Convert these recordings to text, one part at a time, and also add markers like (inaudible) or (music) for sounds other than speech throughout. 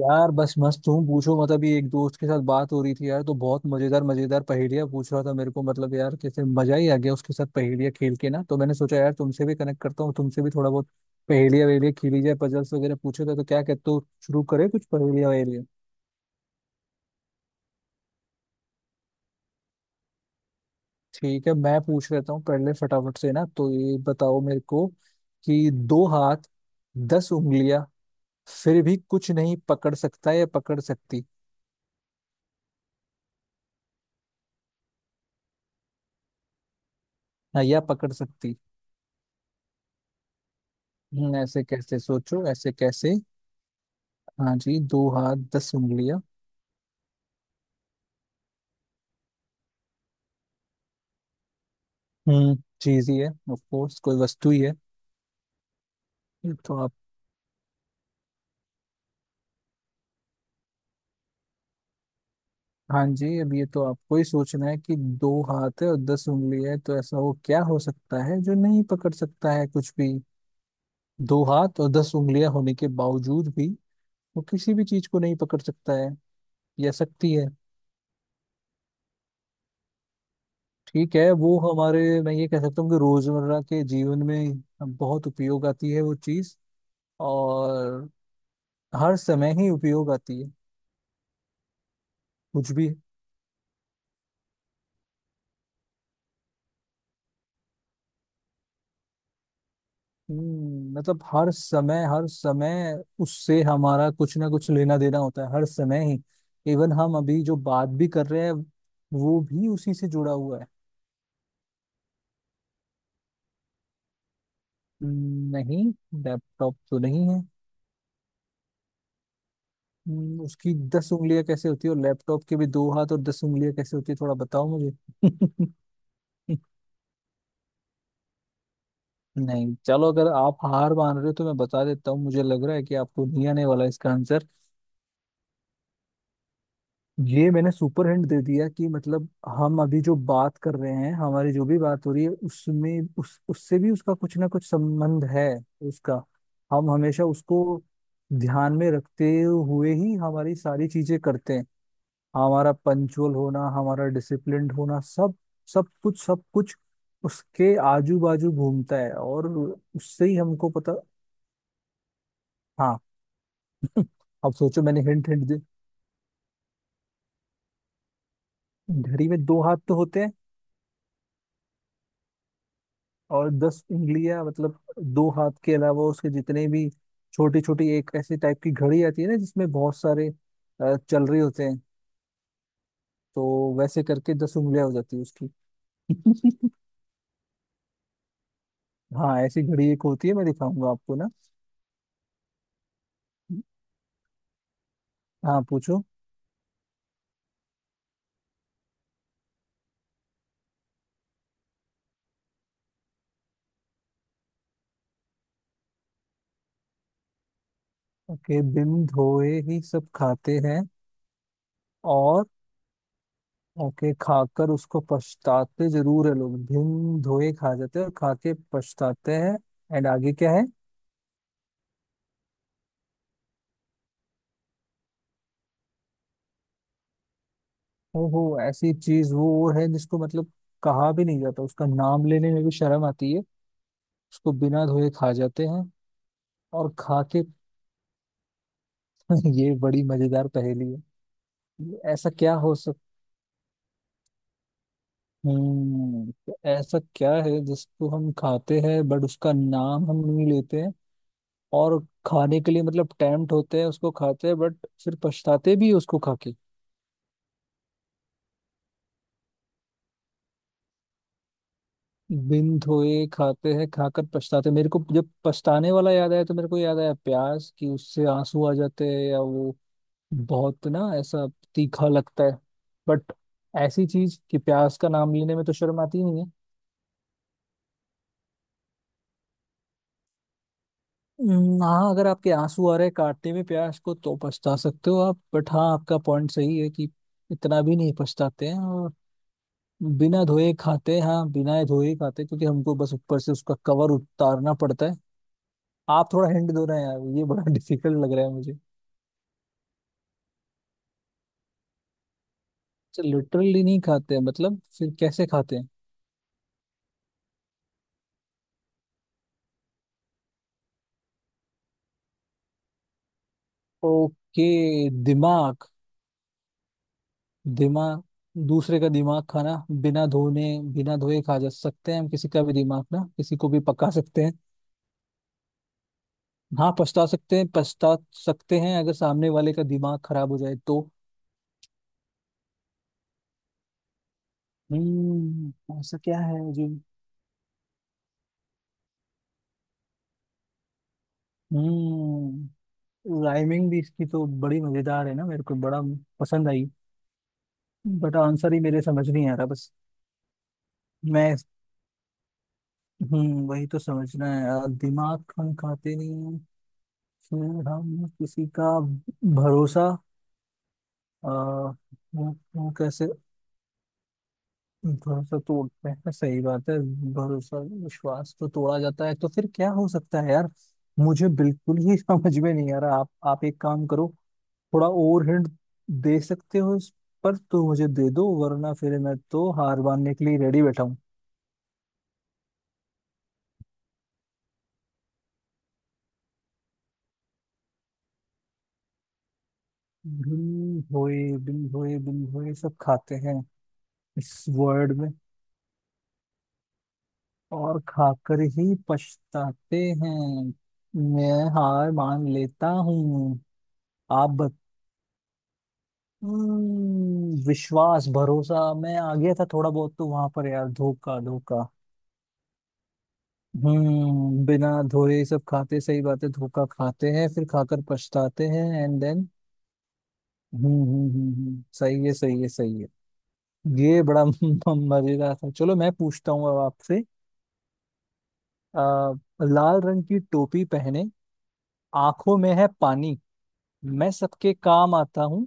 यार बस मस्त, तुम पूछो। मतलब ये एक दोस्त के साथ बात हो रही थी यार, तो बहुत मजेदार मजेदार पहेलियां पूछ रहा था मेरे को। मतलब यार कैसे मजा ही आ गया उसके साथ पहेलियां खेल के ना, तो मैंने सोचा यार तुमसे भी कनेक्ट करता हूँ, तुमसे भी थोड़ा बहुत पहेलियां वहेलियां खेली जाए। पजल्स वगैरह पूछे थे, तो क्या कहते हो, शुरू करें कुछ पहेलियां वहेलियां। ठीक है, मैं पूछ लेता हूँ पहले फटाफट से ना, तो ये बताओ मेरे को कि दो हाथ, दस उंगलियां, फिर भी कुछ नहीं पकड़ सकता या पकड़ सकती। हाँ, या पकड़ सकती। ऐसे कैसे सोचो, ऐसे कैसे। हाँ जी, दो हाथ दस उंगलियां। हम्म। चीज ही है ऑफ कोर्स, कोई वस्तु ही है। ये तो आप। हाँ जी, अब ये तो आपको ही सोचना है कि दो हाथ है और दस उंगलियां है, तो ऐसा वो क्या हो सकता है जो नहीं पकड़ सकता है कुछ भी। दो हाथ और दस उंगलियां होने के बावजूद भी वो किसी भी चीज को नहीं पकड़ सकता है या सकती है। ठीक है, वो हमारे, मैं ये कह सकता हूँ कि रोजमर्रा के जीवन में बहुत उपयोग आती है वो चीज, और हर समय ही उपयोग आती है कुछ भी। मतलब हर समय, हर समय उससे हमारा कुछ ना कुछ लेना देना होता है, हर समय ही। इवन हम अभी जो बात भी कर रहे हैं, वो भी उसी से जुड़ा हुआ है। नहीं, लैपटॉप तो नहीं है। उसकी दस उंगलियां कैसे होती है, और लैपटॉप के भी दो हाथ और दस उंगलियां कैसे होती है, थोड़ा बताओ मुझे। (laughs) नहीं चलो, अगर आप हार मान रहे हो तो मैं बता देता हूँ। मुझे लग रहा है कि आपको नहीं आने वाला इसका आंसर। ये मैंने सुपर हिंट दे दिया कि मतलब हम अभी जो बात कर रहे हैं, हमारी जो भी बात हो रही है, उसमें उस उससे भी, उसका कुछ ना कुछ संबंध है। उसका, हम हमेशा उसको ध्यान में रखते हुए ही हमारी सारी चीजें करते हैं। हमारा पंचुअल होना, हमारा डिसिप्लिन्ड होना, सब सब कुछ, सब कुछ उसके आजू बाजू घूमता है, और उससे ही हमको पता। हाँ। (laughs) अब सोचो, मैंने हिंट हिंट दे। घड़ी में दो हाथ तो होते हैं, और दस उंगलियां मतलब दो हाथ के अलावा उसके जितने भी छोटी छोटी, एक ऐसी टाइप की घड़ी आती है ना जिसमें बहुत सारे चल रहे होते हैं, तो वैसे करके दस उंगलियां हो जाती है उसकी। (laughs) हाँ, ऐसी घड़ी एक होती है, मैं दिखाऊंगा आपको ना। हाँ पूछो। ओके, बिन धोए ही सब खाते हैं, और ओके खाकर उसको पछताते जरूर है लोग। बिन धोए खा जाते हैं और खा के पछताते हैं। एंड आगे क्या है? वो ऐसी चीज, वो है जिसको मतलब कहा भी नहीं जाता, उसका नाम लेने में भी शर्म आती है। उसको बिना धोए खा जाते हैं और खा के। (laughs) ये बड़ी मजेदार पहेली है। ये ऐसा क्या हो सक। हम्म, तो ऐसा क्या है जिसको हम खाते हैं बट उसका नाम हम नहीं लेते हैं, और खाने के लिए मतलब टेम्प्ट होते हैं, उसको खाते हैं बट फिर पछताते भी हैं उसको खा के। बिन धोए खाते हैं, खाकर पछताते, मेरे को जब पछताने वाला याद आया तो मेरे को याद आया प्याज, कि उससे आंसू आ जाते हैं, या वो बहुत ना ऐसा तीखा लगता है। बट ऐसी चीज, कि प्याज का नाम लेने में तो शर्म आती नहीं है। हाँ, अगर आपके आंसू आ रहे हैं काटने में प्याज को तो पछता सकते हो आप। बट हाँ, आपका पॉइंट सही है, कि इतना भी नहीं पछताते हैं, और बिना धोए खाते हैं, हाँ बिना धोए खाते हैं, क्योंकि हमको बस ऊपर से उसका कवर उतारना पड़ता है। आप थोड़ा हिंट दो रहे हैं यार, ये बड़ा (laughs) डिफिकल्ट लग रहा है मुझे। अच्छा लिटरली नहीं खाते हैं, मतलब फिर कैसे खाते हैं? ओके। दिमाग। दिमाग, दूसरे का दिमाग खाना। बिना धोने, बिना धोए खा जा सकते हैं हम किसी का भी दिमाग ना, किसी को भी पका सकते हैं। हाँ, पछता सकते हैं, पछता सकते हैं अगर सामने वाले का दिमाग खराब हो जाए तो। हम्म, ऐसा क्या है जो। हम्म, राइमिंग भी इसकी तो बड़ी मजेदार है ना, मेरे को बड़ा पसंद आई। बट आंसर ही मेरे समझ नहीं आ रहा बस। मैं। हम्म, वही तो समझना है यार। दिमाग हम खाते नहीं हैं, फिर हम किसी का भरोसा। आ, वो, वो कैसे? भरोसा तोड़ते हैं, सही बात है। भरोसा, विश्वास तो तोड़ा जाता है, तो फिर क्या हो सकता है यार? मुझे बिल्कुल ही (laughs) समझ में नहीं आ रहा। आप एक काम करो, थोड़ा और हिंट दे सकते हो इस पर तो मुझे दे दो, वरना फिर मैं तो हार मानने के लिए रेडी बैठा हूँ। बिन भोए बिन भोए सब खाते हैं, इस वर्ड में। और खाकर ही पछताते हैं। मैं हार मान लेता हूँ। आप बत। विश्वास भरोसा मैं आ गया था थोड़ा बहुत, तो वहां पर यार, धोखा धोखा। हम्म, बिना धोए सब खाते, सही बात है, धोखा खाते हैं, फिर खाकर पछताते हैं, एंड देन सही है, सही है, सही है। ये बड़ा (laughs) मजेदार था। चलो मैं पूछता हूँ अब आपसे। आ, लाल रंग की टोपी पहने, आंखों में है पानी, मैं सबके काम आता हूँ,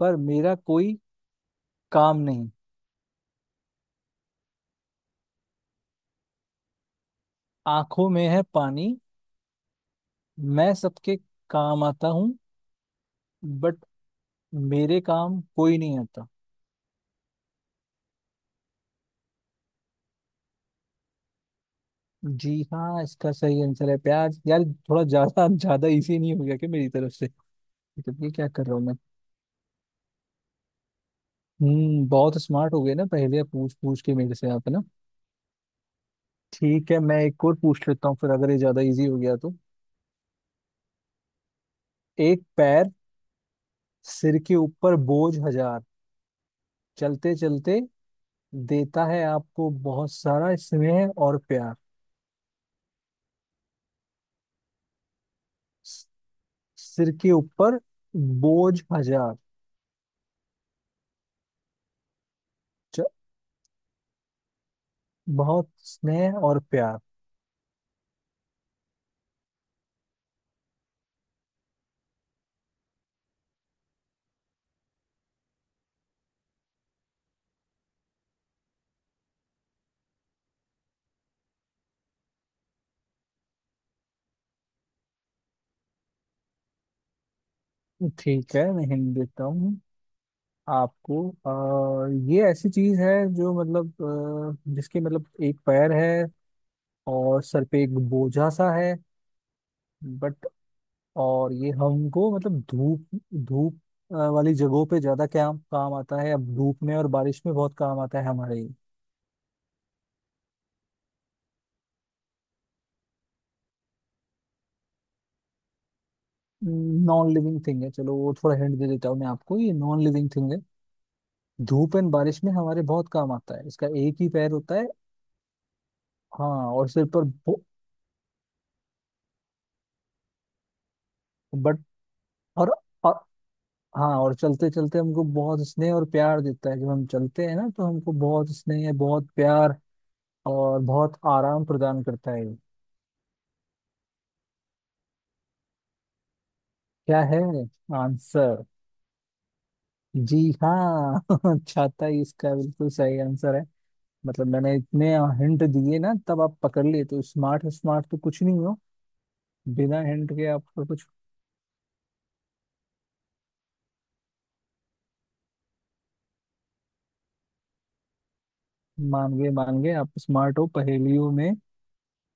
पर मेरा कोई काम नहीं। आंखों में है पानी, मैं सबके काम आता हूँ, बट मेरे काम कोई नहीं आता। जी हाँ, इसका सही आंसर है प्याज। यार थोड़ा ज्यादा ज्यादा इजी नहीं हो गया क्या मेरी तरफ से? तो ये क्या कर रहा हूँ मैं। हम्म, बहुत स्मार्ट हो गए ना, पहले पूछ पूछ के मेरे से, आप है ना। ठीक है, मैं एक और पूछ लेता हूँ, फिर अगर ये ज्यादा इजी हो गया तो। एक पैर, सिर के ऊपर बोझ हजार, चलते चलते देता है आपको बहुत सारा स्नेह और प्यार। स- सिर के ऊपर बोझ हजार। च- बहुत स्नेह और प्यार। ठीक है, मैं हिंट देता हूँ आपको। आ, ये ऐसी चीज है जो मतलब जिसके मतलब एक पैर है, और सर पे एक बोझा सा है, बट और ये हमको मतलब धूप, धूप वाली जगहों पे ज्यादा क्या काम आता है, अब धूप में और बारिश में बहुत काम आता है हमारे। नॉन लिविंग थिंग है, चलो वो थोड़ा हिंट दे देता हूँ मैं आपको, ये नॉन लिविंग थिंग है। धूप एंड बारिश में हमारे बहुत काम आता है। इसका एक ही पैर होता है। हाँ। और सिर पर, बट और, और, हाँ और चलते चलते हमको बहुत स्नेह और प्यार देता है। जब हम चलते हैं ना तो हमको बहुत स्नेह, बहुत प्यार और बहुत आराम प्रदान करता है। क्या है आंसर? जी हाँ। (laughs) छाता ही इसका बिल्कुल सही आंसर है। मतलब मैंने इतने हिंट दिए ना तब आप पकड़ लिए, तो स्मार्ट स्मार्ट तो कुछ नहीं हो, बिना हिंट के आपका कुछ। मान गए मान गए, आप स्मार्ट हो पहेलियों में।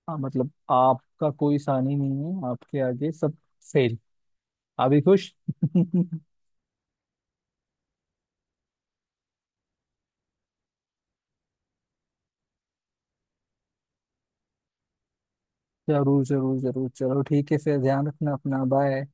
हाँ, मतलब आपका कोई सानी नहीं है, आपके आगे सब फेल। आप भी खुश। (laughs) जरूर जरूर जरूर, चलो ठीक है फिर, ध्यान रखना अपना, बाय।